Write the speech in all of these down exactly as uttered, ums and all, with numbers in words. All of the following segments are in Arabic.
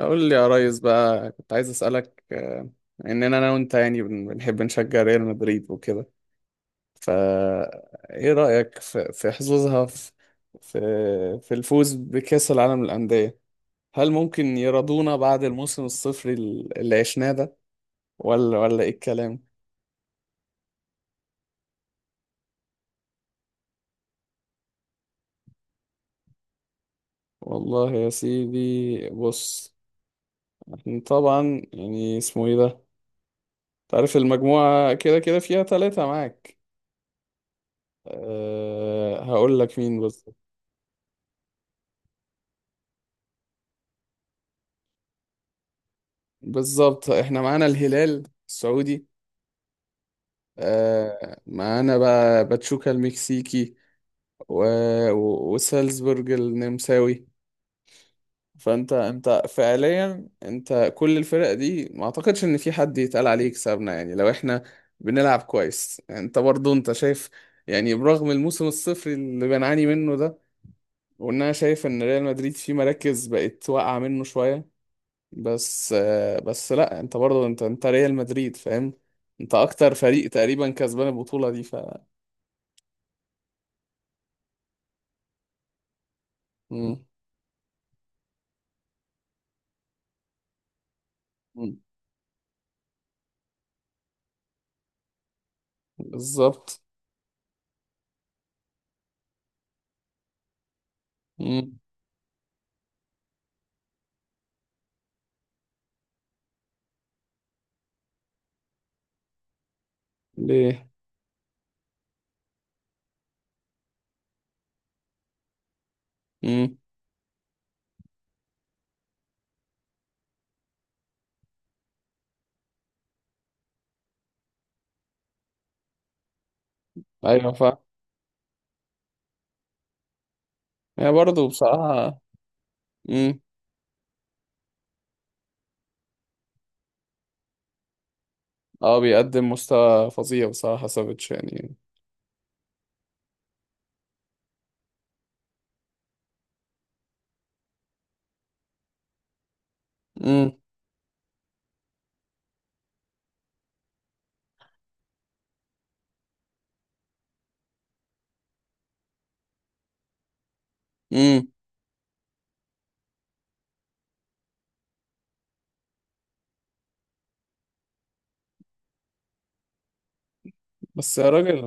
اقول لي يا ريس، بقى كنت عايز اسالك. آه، اننا انا وانت يعني بن- بنحب نشجع ريال مدريد وكده. فا ايه رايك في في حظوظها في في في الفوز بكاس العالم للانديه؟ هل ممكن يرضونا بعد الموسم الصفري ال- اللي عشناه ده؟ ولا ولا ايه الكلام؟ والله يا سيدي، بص. احنا طبعا يعني اسمه ايه ده؟ تعرف المجموعه كده كده فيها ثلاثة معاك. أه، هقول لك مين بس. بالظبط، احنا معانا الهلال السعودي. آه معانا بقى باتشوكا المكسيكي و... و... وسالزبورج النمساوي. فانت انت فعليا انت كل الفرق دي ما اعتقدش ان في حد يتقال عليه يكسبنا، يعني لو احنا بنلعب كويس انت برضو انت شايف، يعني برغم الموسم الصفر اللي بنعاني منه ده، وان انا شايف ان ريال مدريد فيه مراكز بقت واقعة منه شوية. بس، آه، بس لا انت برضه انت انت ريال مدريد، فاهم؟ انت اكتر فريق تقريبا كسبان البطولة دي. ف مم. مم. بالظبط. مم. ليه؟ مم. ايوه. ف يعني برضه بصراحة. مم. اه، بيقدم مستوى فظيع بصراحة سافيتش يعني. مم. مم. بس يا راجل،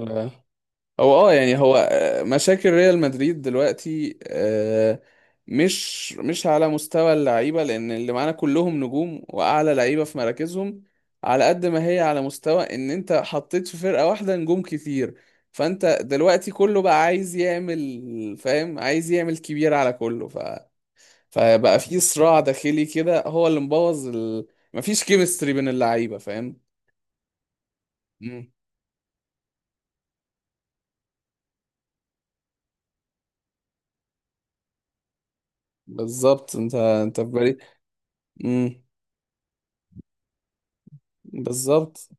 هو اه يعني هو، آه، مشاكل ريال مدريد دلوقتي، آه، مش مش على مستوى اللعيبه، لان اللي معانا كلهم نجوم واعلى لعيبه في مراكزهم. على قد ما هي على مستوى ان انت حطيت في فرقه واحده نجوم كتير، فانت دلوقتي كله بقى عايز يعمل، فاهم، عايز يعمل كبير على كله. ف فبقى في صراع داخلي كده هو اللي مبوظ ال... مفيش كيمستري بين اللعيبه، فاهم؟ مم. بالظبط، انت انت في بالي. مم. بالظبط.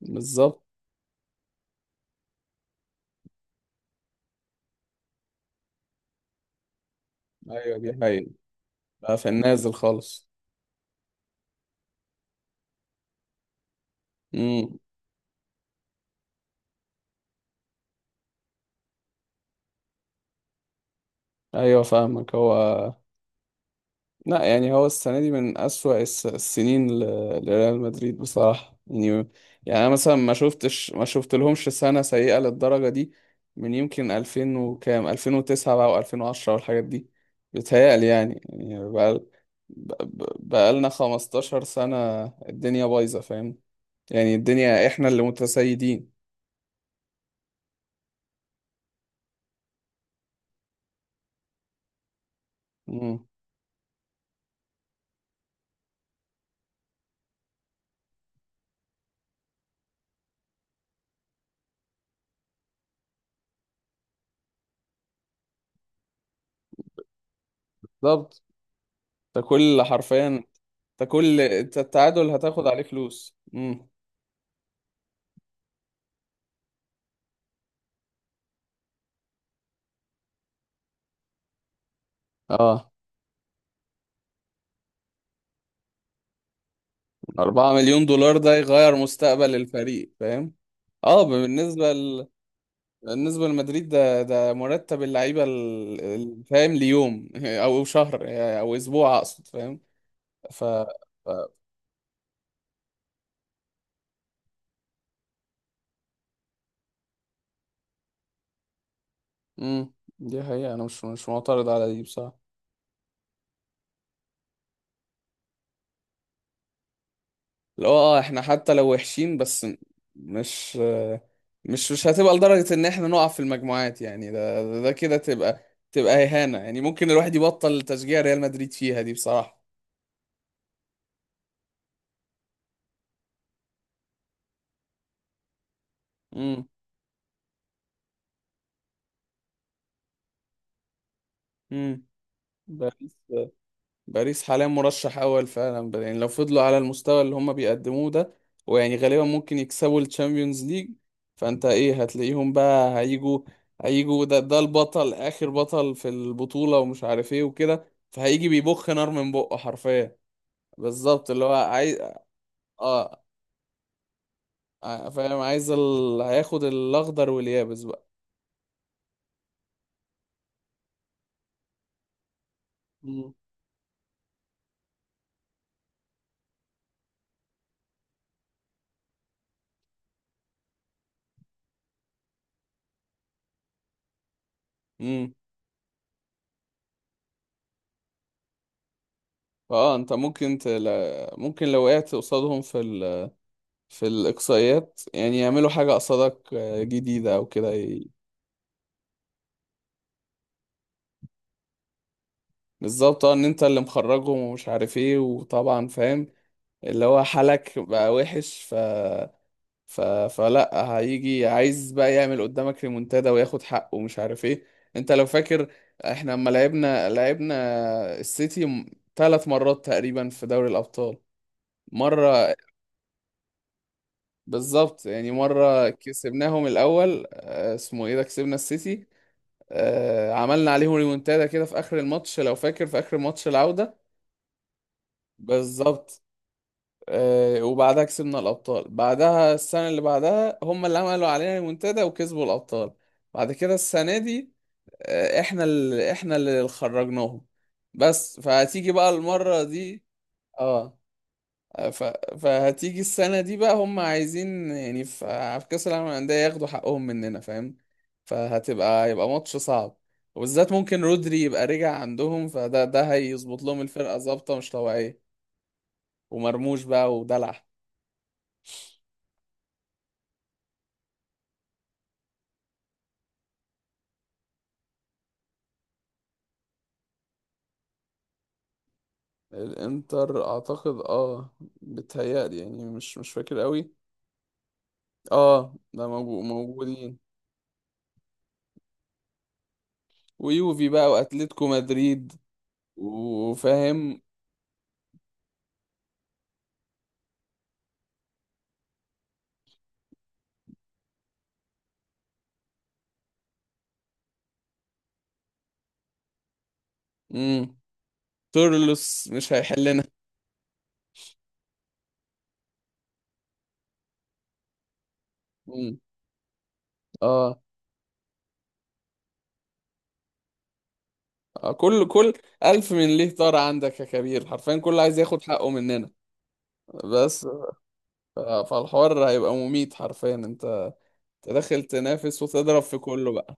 بالظبط، ايوه، دي حقيقة. بقى في النازل خالص. امم. ايوه فاهمك. هو لا، يعني هو السنه دي من اسوأ الس- السنين، ل- لريال مدريد بصراحه يعني. يعني انا مثلا ما شفتش ما شفت لهمش سنه سيئه للدرجه دي، من يمكن ألفين وكام، ألفين وتسعة بقى وألفين وعشرة والحاجات دي. بيتهيألي يعني، يعني بقى بقى لنا خمستاشر سنه الدنيا بايظه، فاهم؟ يعني الدنيا احنا اللي متسيدين. امم. بالظبط. ده كل حرفيا. انت كل، انت التعادل هتاخد عليه فلوس. امم. اه، اربعة مليون دولار ده يغير مستقبل الفريق، فاهم؟ اه، بالنسبة ل... بالنسبة لمدريد ده ده مرتب اللعيبة، ال- ال- فاهم، ليوم او شهر او اسبوع اقصد، فاهم؟ ف ف- امم، دي حقيقة. انا مش مش معترض على دي بصراحة. اللي هو، اه، احنا حتى لو وحشين بس مش مش مش هتبقى لدرجة ان احنا نقع في المجموعات، يعني ده ده, ده كده تبقى، تبقى إهانة، يعني ممكن الواحد يبطل تشجيع ريال مدريد فيها دي بصراحة. امم امم باريس حاليا مرشح اول فعلا، ب- يعني لو فضلوا على المستوى اللي هم بيقدموه ده، ويعني غالبا ممكن يكسبوا الشامبيونز ليج. فانت ايه، هتلاقيهم بقى هيجوا، هيجوا ده ده البطل، اخر بطل في البطولة ومش عارف ايه وكده، فهيجي بيبخ نار من بقه حرفيا. بالظبط، اللي هو عايز. اه. ع- فاهم، عايز ال... هياخد الاخضر واليابس بقى. مم. امم. فاه انت ممكن تلا... ممكن لو وقعت قصادهم في في الإقصائيات، يعني يعملوا حاجة قصادك، آه، جديدة أو كده. ي- بالظبط. اه، إن أنت اللي مخرجهم ومش عارف إيه، وطبعا فاهم، اللي هو حالك بقى وحش. ف... ف... فلا هيجي عايز بقى يعمل قدامك ريمونتادا وياخد حقه ومش عارف إيه. أنت لو فاكر، إحنا لما لعبنا لعبنا السيتي م- ثلاث مرات تقريبا في دوري الأبطال. مرة، بالظبط، يعني مرة كسبناهم الأول، آه، اسمه إيه ده، كسبنا السيتي، آه، عملنا عليهم ريمونتادا كده في اخر الماتش، لو فاكر، في اخر ماتش العودة. بالظبط. آه، وبعدها كسبنا الابطال، بعدها السنة اللي بعدها هم اللي عملوا علينا ريمونتادا وكسبوا الابطال. بعد كده، السنة دي، آه، احنا اللي احنا اللي خرجناهم. بس فهتيجي بقى المرة دي. اه. ف... فهتيجي السنة دي بقى هم عايزين، يعني في في كأس العالم للأندية ياخدوا حقهم مننا، فاهم؟ فهتبقى، يبقى ماتش صعب، وبالذات ممكن رودري يبقى رجع عندهم فده ده هيظبط لهم الفرقة ظابطة مش طبيعية، ومرموش بقى ودلع. الانتر اعتقد، اه، بتهيألي يعني مش مش فاكر قوي. اه، ده موجو- موجودين. ويوفي بقى واتلتيكو مدريد، وفاهم. امم. تورلوس مش هيحلنا. امم. اه. آه، كل كل ألف من ليه طار عندك يا كبير، حرفيا كل عايز ياخد حقه مننا. بس. ف- فالحوار هيبقى مميت حرفيا. انت تدخل تنافس وتضرب في كله بقى.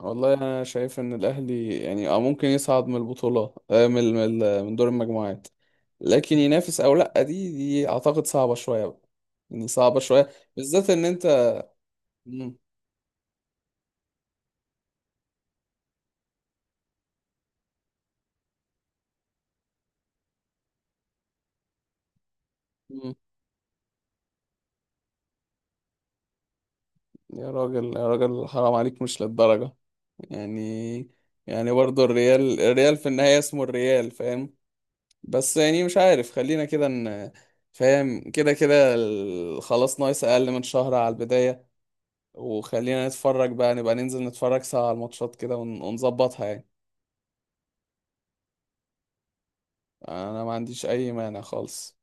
والله أنا شايف إن الأهلي يعني، آه، ممكن يصعد من البطولة، آه، من من من دور المجموعات، لكن ينافس أو لأ، دي دي أعتقد صعبة شوية بقى، يعني صعبة شوية بالذات إن أنت. مم. مم. يا راجل يا راجل، حرام عليك، مش للدرجة يعني. يعني برضه الريال الريال في النهاية اسمه الريال، فاهم؟ بس يعني مش عارف، خلينا كده ان، فاهم، كده كده ال- خلاص، ناقص اقل من شهر على البداية، وخلينا نتفرج بقى، نبقى ننزل نتفرج سوا على الماتشات كده، ون- ونظبطها يعني. انا ما عنديش اي مانع خالص.